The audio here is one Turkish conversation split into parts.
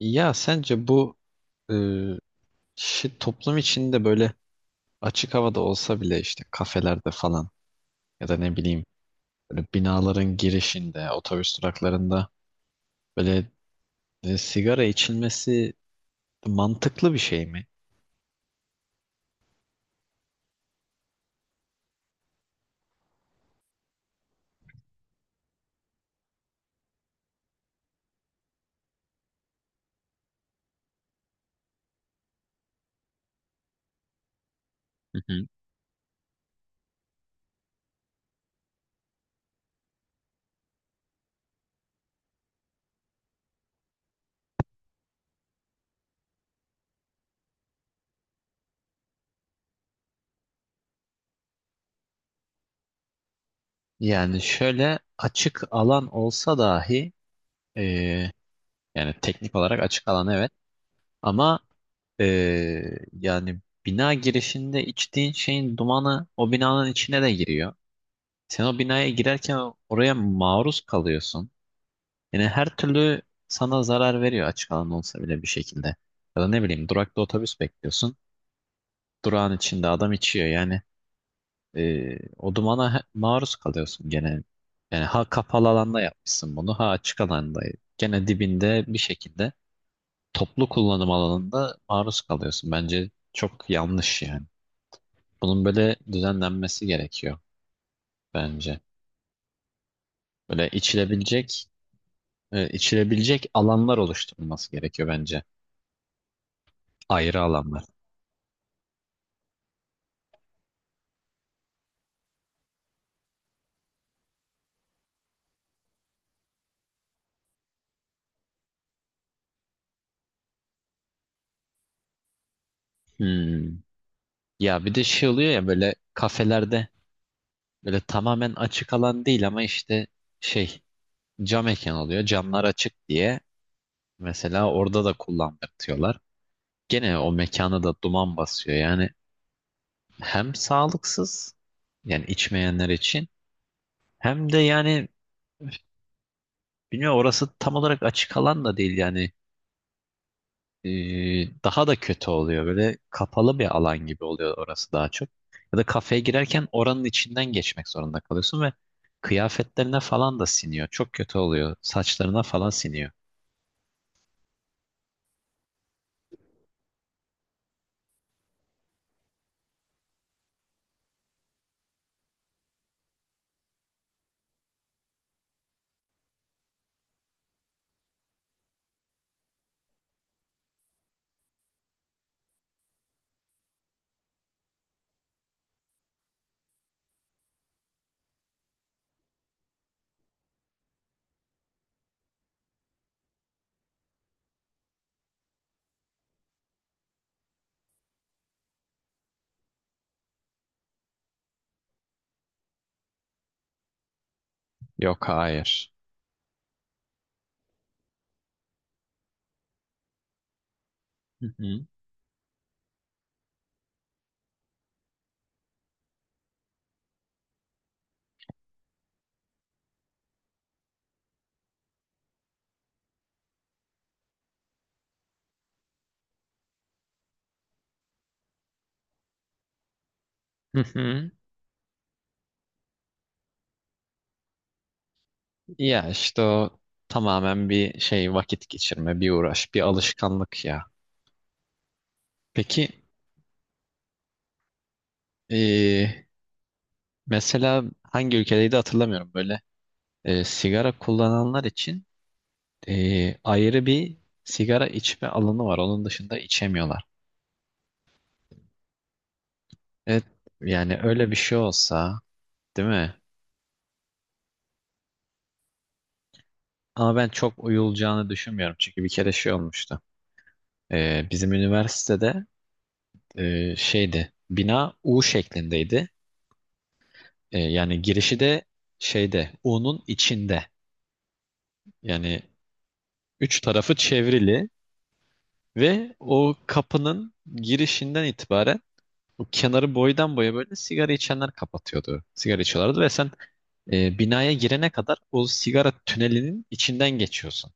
Ya sence bu e, toplum içinde böyle açık havada olsa bile işte kafelerde falan ya da ne bileyim böyle binaların girişinde, otobüs duraklarında böyle sigara içilmesi mantıklı bir şey mi? Hı hı. Yani şöyle açık alan olsa dahi, e, yani teknik olarak açık alan evet ama e, yani bina girişinde içtiğin şeyin dumanı o binanın içine de giriyor. Sen o binaya girerken oraya maruz kalıyorsun. Yani her türlü sana zarar veriyor açık alan olsa bile bir şekilde. Ya da ne bileyim durakta otobüs bekliyorsun. Durağın içinde adam içiyor yani. O dumana maruz kalıyorsun gene. Yani ha kapalı alanda yapmışsın bunu ha açık alanda. Gene dibinde bir şekilde toplu kullanım alanında maruz kalıyorsun. Bence çok yanlış yani. Bunun böyle düzenlenmesi gerekiyor bence. Böyle içilebilecek alanlar oluşturulması gerekiyor bence. Ayrı alanlar. Hmm. Ya bir de şey oluyor ya böyle kafelerde, böyle tamamen açık alan değil ama işte şey cam mekan oluyor. Camlar açık diye mesela orada da kullandırtıyorlar. Gene o mekana da duman basıyor. Yani hem sağlıksız yani içmeyenler için, hem de yani bilmiyorum orası tam olarak açık alan da değil yani daha da kötü oluyor. Böyle kapalı bir alan gibi oluyor orası daha çok. Ya da kafeye girerken oranın içinden geçmek zorunda kalıyorsun ve kıyafetlerine falan da siniyor. Çok kötü oluyor. Saçlarına falan siniyor. Yok, hayır. Hı hı. Hı hı. Ya işte o tamamen bir şey, vakit geçirme, bir uğraş, bir alışkanlık ya. Peki, e, mesela hangi ülkedeydi hatırlamıyorum böyle sigara kullananlar için ayrı bir sigara içme alanı var. Onun dışında içemiyorlar. Evet, yani öyle bir şey olsa, değil mi? Ama ben çok uyulacağını düşünmüyorum. Çünkü bir kere şey olmuştu. Bizim üniversitede şeydi, bina U şeklindeydi. Yani girişi de şeyde, U'nun içinde. Yani üç tarafı çevrili ve o kapının girişinden itibaren o kenarı boydan boya böyle sigara içenler kapatıyordu. Sigara içiyorlardı ve sen binaya girene kadar o sigara tünelinin içinden geçiyorsun.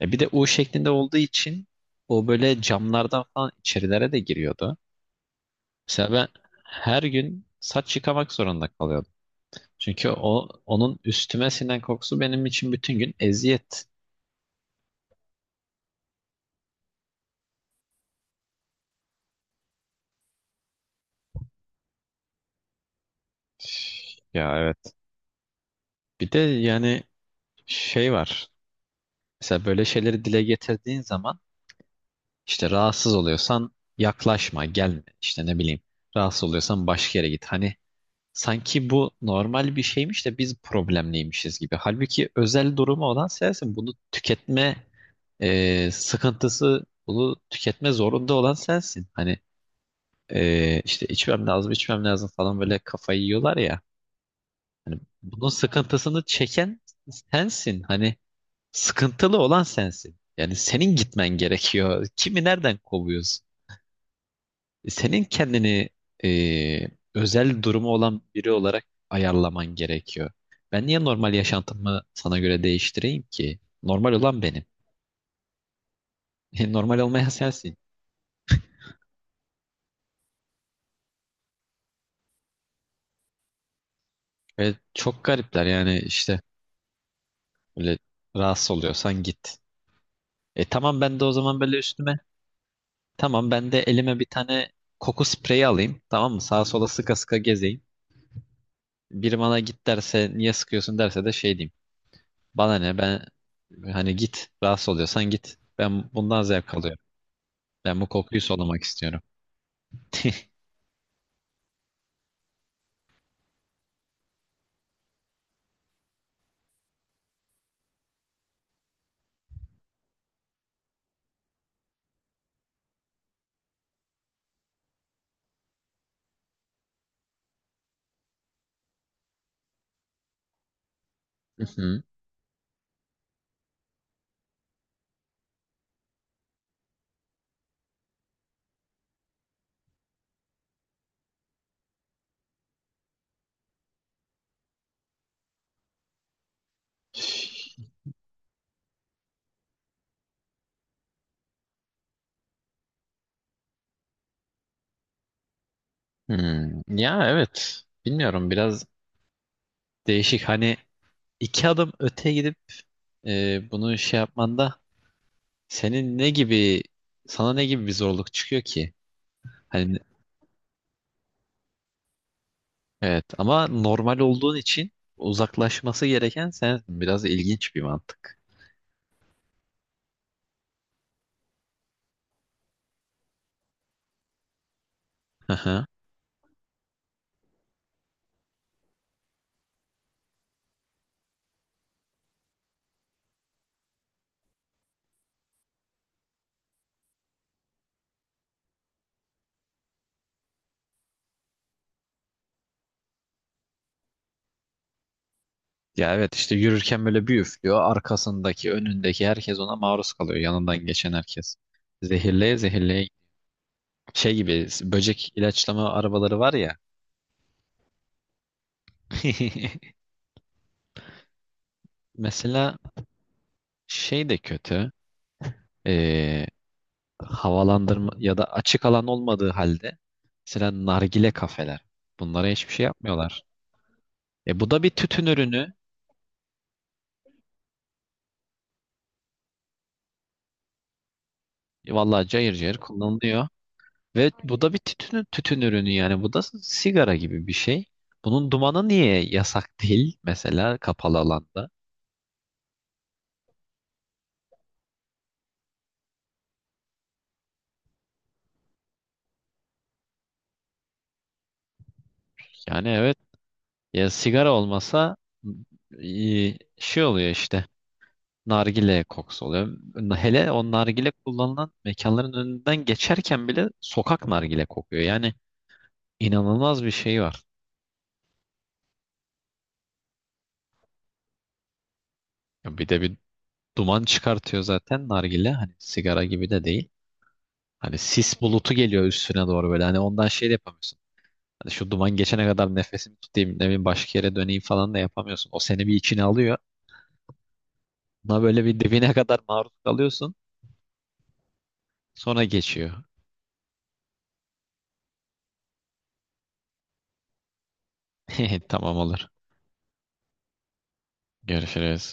Bir de U şeklinde olduğu için o böyle camlardan falan içerilere de giriyordu. Mesela ben her gün saç yıkamak zorunda kalıyordum. Çünkü onun üstüme sinen kokusu benim için bütün gün eziyet. Ya evet. Bir de yani şey var. Mesela böyle şeyleri dile getirdiğin zaman işte rahatsız oluyorsan yaklaşma, gelme. İşte ne bileyim. Rahatsız oluyorsan başka yere git. Hani sanki bu normal bir şeymiş de biz problemliymişiz gibi. Halbuki özel durumu olan sensin. Bunu tüketme sıkıntısı, bunu tüketme zorunda olan sensin. Hani işte içmem lazım, içmem lazım falan böyle kafayı yiyorlar ya. Hani bunun sıkıntısını çeken sensin. Hani sıkıntılı olan sensin. Yani senin gitmen gerekiyor. Kimi nereden kovuyorsun? Senin kendini e, özel durumu olan biri olarak ayarlaman gerekiyor. Ben niye normal yaşantımı sana göre değiştireyim ki? Normal olan benim. Normal olmayan sensin. Ve çok garipler yani, işte böyle, rahatsız oluyorsan git. Tamam ben de o zaman böyle üstüme. Tamam ben de elime bir tane koku spreyi alayım. Tamam mı? Sağa sola sıka sıka gezeyim. Biri bana git derse, niye sıkıyorsun derse de şey diyeyim. Bana ne, ben hani git, rahatsız oluyorsan git. Ben bundan zevk alıyorum. Ben bu kokuyu solumak istiyorum. Hı hı. Hmm. Ya evet. Bilmiyorum, biraz değişik. Hani iki adım öte gidip bunu şey yapmanda senin ne gibi sana ne gibi bir zorluk çıkıyor ki? Hani evet ama normal olduğun için uzaklaşması gereken sensin. Biraz ilginç bir mantık. Hı hı. Ya evet, işte yürürken böyle bir üflüyor. Arkasındaki, önündeki herkes ona maruz kalıyor. Yanından geçen herkes. Zehirleye zehirleye, şey gibi, böcek ilaçlama arabaları var ya. Mesela şey de kötü. Ee, Havalandırma ya da açık alan olmadığı halde mesela nargile kafeler. Bunlara hiçbir şey yapmıyorlar. Bu da bir tütün ürünü. Vallahi cayır cayır kullanılıyor. Ve bu da bir tütün ürünü yani. Bu da sigara gibi bir şey. Bunun dumanı niye yasak değil mesela kapalı alanda? Yani evet, ya sigara olmasa şey oluyor işte. Nargile kokusu oluyor. Hele o nargile kullanılan mekanların önünden geçerken bile sokak nargile kokuyor. Yani inanılmaz bir şey var. Ya, bir de bir duman çıkartıyor zaten nargile. Hani sigara gibi de değil. Hani sis bulutu geliyor üstüne doğru böyle. Hani ondan şey de yapamıyorsun. Hani şu duman geçene kadar nefesimi tutayım, ne bileyim başka yere döneyim falan da yapamıyorsun. O seni bir içine alıyor. Buna böyle bir dibine kadar maruz kalıyorsun. Sonra geçiyor. Tamam, olur. Görüşürüz.